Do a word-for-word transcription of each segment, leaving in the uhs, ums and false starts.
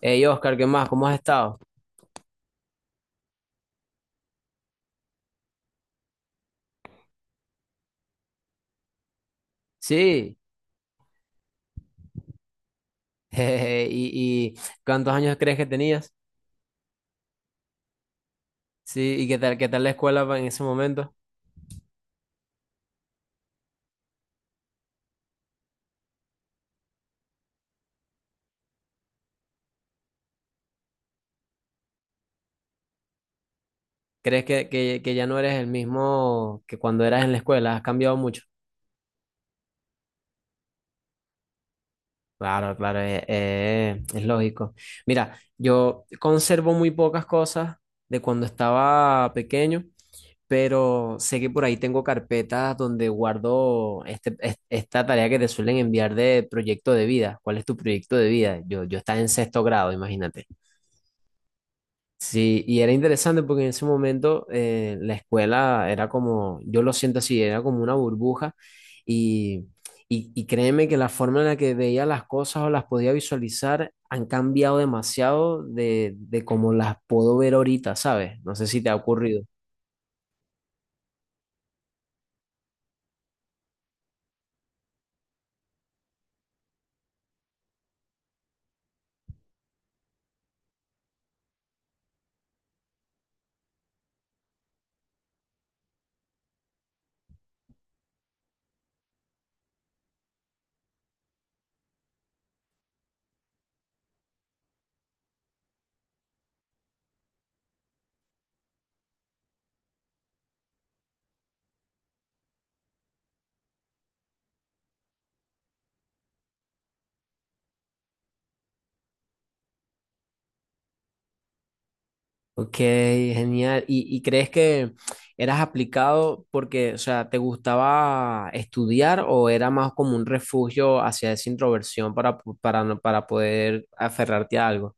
Hey Oscar, ¿qué más? ¿Cómo has estado? Sí. jejeje. ¿Y, y cuántos años crees que tenías? Sí. ¿Y qué tal, qué tal la escuela pa- en ese momento? ¿Crees que, que, que ya no eres el mismo que cuando eras en la escuela? ¿Has cambiado mucho? Claro, claro, eh, eh, es lógico. Mira, yo conservo muy pocas cosas de cuando estaba pequeño, pero sé que por ahí tengo carpetas donde guardo este, es- esta tarea que te suelen enviar de proyecto de vida. ¿Cuál es tu proyecto de vida? Yo, yo estaba en sexto grado, imagínate. Sí, y era interesante porque en ese momento eh, la escuela era como, yo lo siento así, era como una burbuja y, y, y créeme que la forma en la que veía las cosas o las podía visualizar han cambiado demasiado de, de cómo las puedo ver ahorita, ¿sabes? No sé si te ha ocurrido. Ok, genial. ¿Y, y crees que eras aplicado porque, o sea, te gustaba estudiar o era más como un refugio hacia esa introversión para, para, no- para poder aferrarte a algo?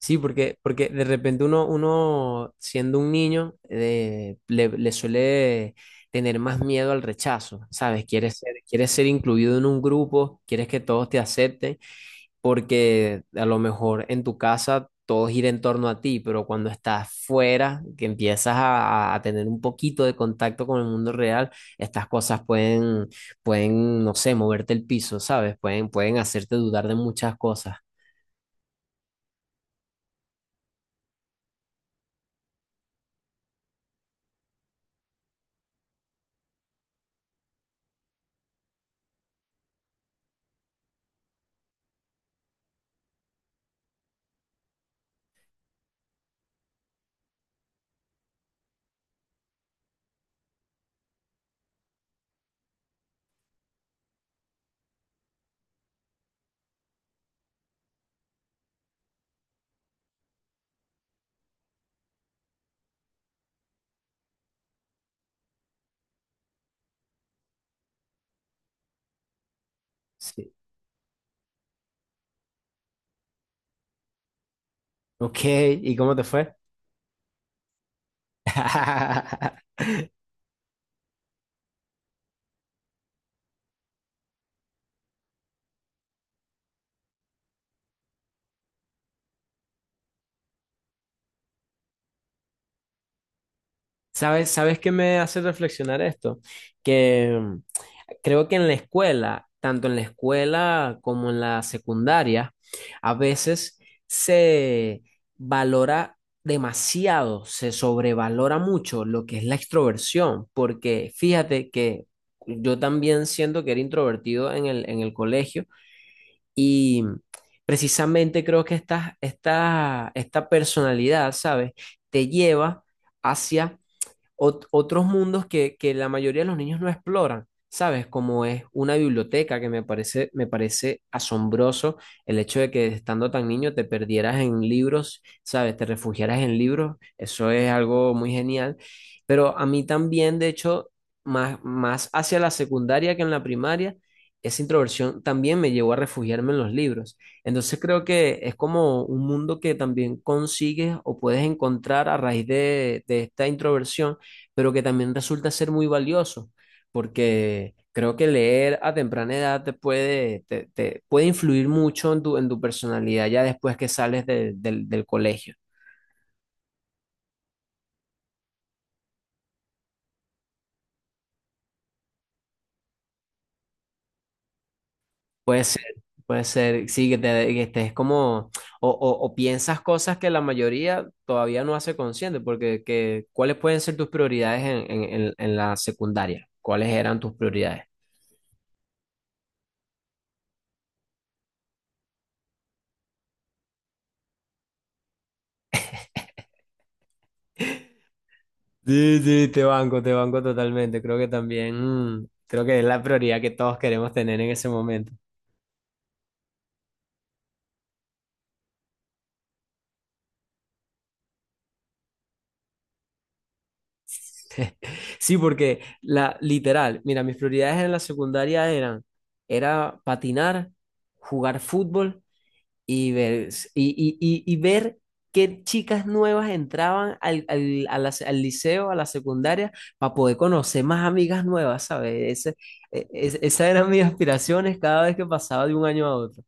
Sí, porque, porque de repente uno, uno siendo un niño, eh, le, le suele tener más miedo al rechazo, ¿sabes? Quieres ser, quieres ser incluido en un grupo, quieres que todos te acepten, porque a lo mejor en tu casa todo gira en torno a ti, pero cuando estás fuera, que empiezas a, a tener un poquito de contacto con el mundo real, estas cosas pueden, pueden, no sé, moverte el piso, ¿sabes? Pueden, pueden hacerte dudar de muchas cosas. Sí. Ok, ¿y cómo te fue? ¿Sabes, sabes qué me hace reflexionar esto? Que mm, creo que en la escuela, tanto en la escuela como en la secundaria, a veces se valora demasiado, se sobrevalora mucho lo que es la extroversión, porque fíjate que yo también siento que era introvertido en el, en el colegio. Y precisamente creo que esta, esta, esta personalidad, ¿sabes? Te lleva hacia ot- otros mundos que, que la mayoría de los niños no exploran, ¿sabes? Como es una biblioteca que me parece, me parece asombroso el hecho de que estando tan niño te perdieras en libros, ¿sabes? Te refugiaras en libros, eso es algo muy genial. Pero a mí también, de hecho, más, más hacia la secundaria que en la primaria, esa introversión también me llevó a refugiarme en los libros. Entonces creo que es como un mundo que también consigues o puedes encontrar a raíz de, de esta introversión pero que también resulta ser muy valioso, porque creo que leer a temprana edad te puede, te, te puede influir mucho en tu, en tu personalidad ya después que sales de- del del colegio. Puede ser, puede ser, sí, que, te, que estés como, o, o- o piensas cosas que la mayoría todavía no hace consciente, porque que, ¿cuáles pueden ser tus prioridades en, en en- en la secundaria? ¿Cuáles eran tus prioridades? Sí, sí, te banco, te banco totalmente. Creo que también, mm, creo que es la prioridad que todos queremos tener en ese momento. Sí, porque la literal, mira, mis prioridades en la secundaria eran, era patinar, jugar fútbol y ver, y, y, y, y ver qué chicas nuevas entraban al, al, a la- al liceo, a la secundaria, para poder conocer más amigas nuevas, ¿sabes? Ese- e- es- esas eran mis aspiraciones cada vez que pasaba de un año a otro.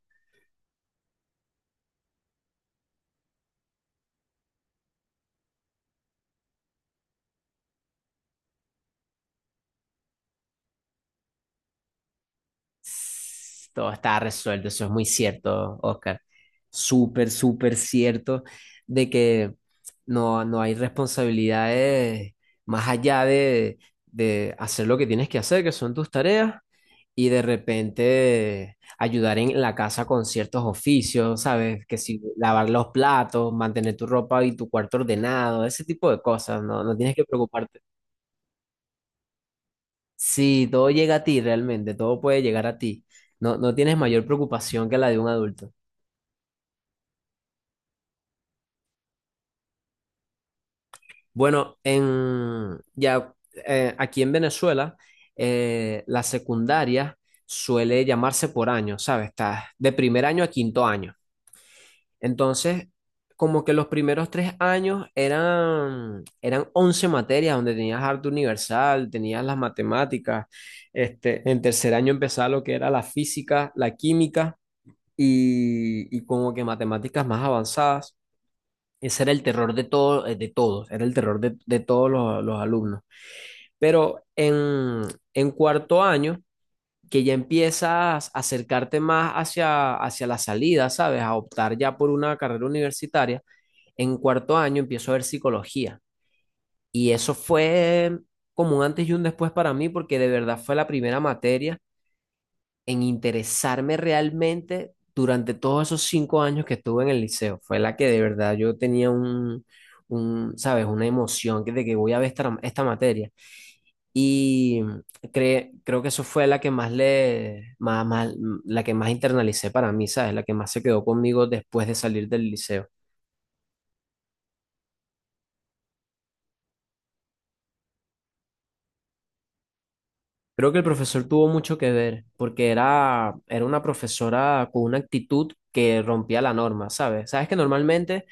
Todo está resuelto, eso es muy cierto, Oscar. Súper, súper cierto de que no, no hay responsabilidades más allá de, de hacer lo que tienes que hacer, que son tus tareas, y de repente ayudar en la casa con ciertos oficios, ¿sabes? Que si lavar los platos, mantener tu ropa y tu cuarto ordenado, ese tipo de cosas, no, no tienes que preocuparte. Sí, todo llega a ti realmente, todo puede llegar a ti. No, no tienes mayor preocupación que la de un adulto. Bueno, en, ya, eh, aquí en Venezuela, eh, la secundaria suele llamarse por año, ¿sabes? Estás de primer año a quinto año. Entonces, como que los primeros tres años eran, eran once materias donde tenías arte universal, tenías las matemáticas. Este, en tercer año empezaba lo que era la física, la química y, y como que matemáticas más avanzadas. Ese era el terror de todo, eh, de todos, era el terror de, de todos los, los alumnos. Pero en, en cuarto año, que ya empiezas a acercarte más hacia, hacia la salida, ¿sabes? A optar ya por una carrera universitaria, en cuarto año empiezo a ver psicología. Y eso fue como un antes y un después para mí, porque de verdad fue la primera materia en interesarme realmente durante todos esos cinco años que estuve en el liceo. Fue la que de verdad yo tenía un, un, ¿sabes? Una emoción que- de que voy a ver esta, esta materia. Y cre- creo que eso fue la que más le, más, más- la que más internalicé para mí, ¿sabes? La que más se quedó conmigo después de salir del liceo. Creo que el profesor tuvo mucho que ver, porque era, era una profesora con una actitud que rompía la norma, ¿sabes? Sabes que normalmente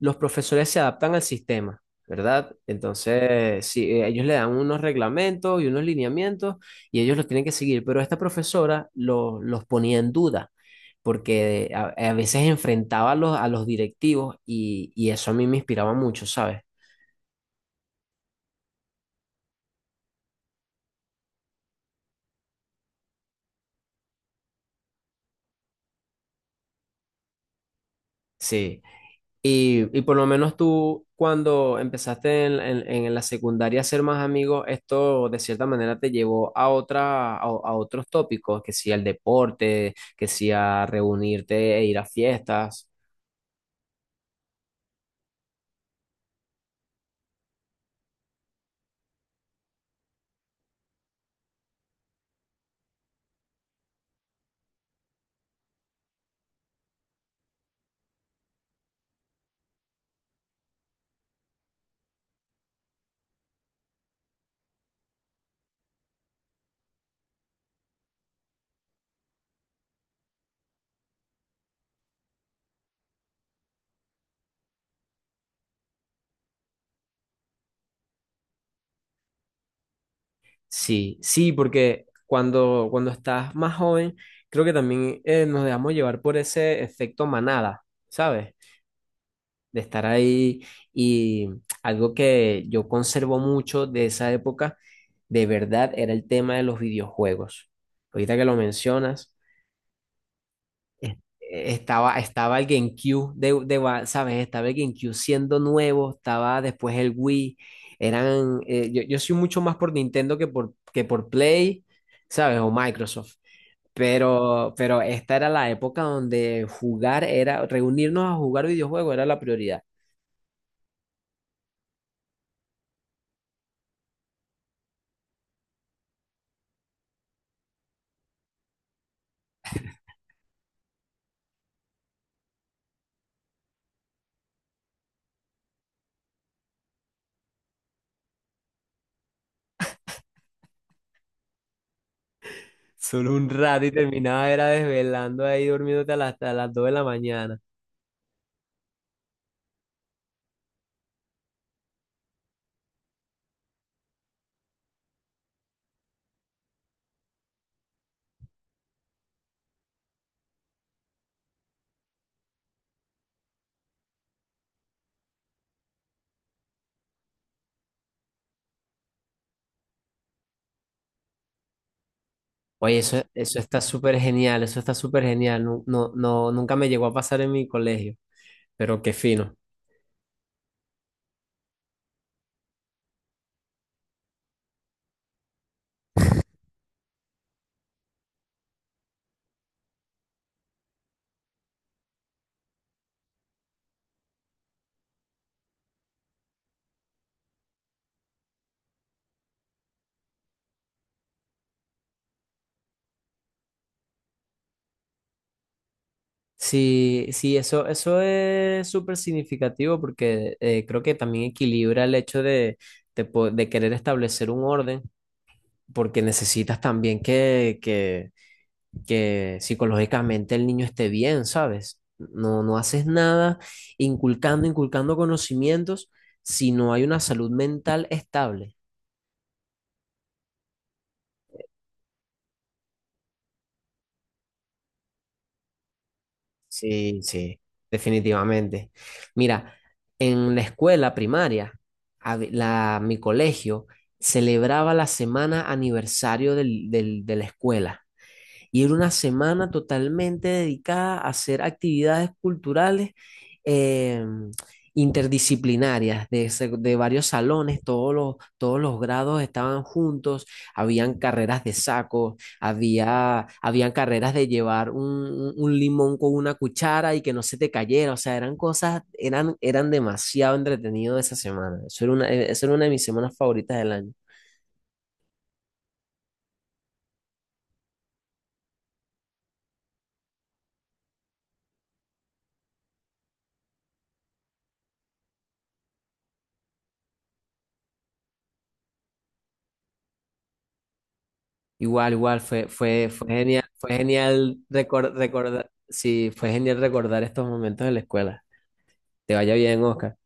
los profesores se adaptan al sistema, ¿verdad? Entonces, sí, eh, ellos le dan unos reglamentos y unos lineamientos y ellos los tienen que seguir, pero esta profesora lo- los ponía en duda porque a, a veces enfrentaba a los, a los directivos y, y eso a mí me inspiraba mucho, ¿sabes? Sí. Y, y por lo menos tú, cuando empezaste en, en- en la secundaria a ser más amigos, esto de cierta manera te llevó a otra, a, a otros tópicos, que si al deporte, que si a reunirte e ir a fiestas. Sí, sí, porque cuando, cuando estás más joven, creo que también eh, nos dejamos llevar por ese efecto manada, ¿sabes? De estar ahí y algo que yo conservo mucho de esa época, de verdad, era el tema de los videojuegos. Ahorita que lo mencionas, es- estaba, estaba el GameCube de, de va- ¿sabes? Estaba el GameCube siendo nuevo, estaba después el Wii. Eran, eh, yo, yo soy mucho más por Nintendo que por, que por Play, ¿sabes? O Microsoft. Pero, pero esta era la época donde jugar era, reunirnos a jugar videojuegos era la prioridad. Solo un rato y terminaba era desvelando ahí durmiéndote a las- hasta las dos de la mañana. Oye, eso, eso está súper genial, eso está súper genial. No, no, no, nunca me llegó a pasar en mi colegio, pero qué fino. Sí, sí, eso, eso es súper significativo porque eh, creo que también equilibra el hecho de, de, po- de querer establecer un orden, porque necesitas también que que psicológicamente el niño esté bien, ¿sabes? No, no haces nada inculcando, inculcando conocimientos si no hay una salud mental estable. Sí, sí, definitivamente. Mira, en la escuela primaria, a ve- la, mi colegio celebraba la semana aniversario del- del- de la escuela. Y era una semana totalmente dedicada a hacer actividades culturales eh, interdisciplinarias de, se- de varios salones, todos los, todos los grados estaban juntos, habían carreras de saco, había, habían carreras de llevar un, un- un limón con una cuchara y que no se te cayera, o sea, eran cosas, eran, eran demasiado entretenidos esa semana. Eso era una, eh, eso era una de mis semanas favoritas del año. Igual, igual, fue, fue, fue genial, fue genial recordar, recordar, sí, fue genial recordar estos momentos de la escuela. Te vaya bien, Oscar.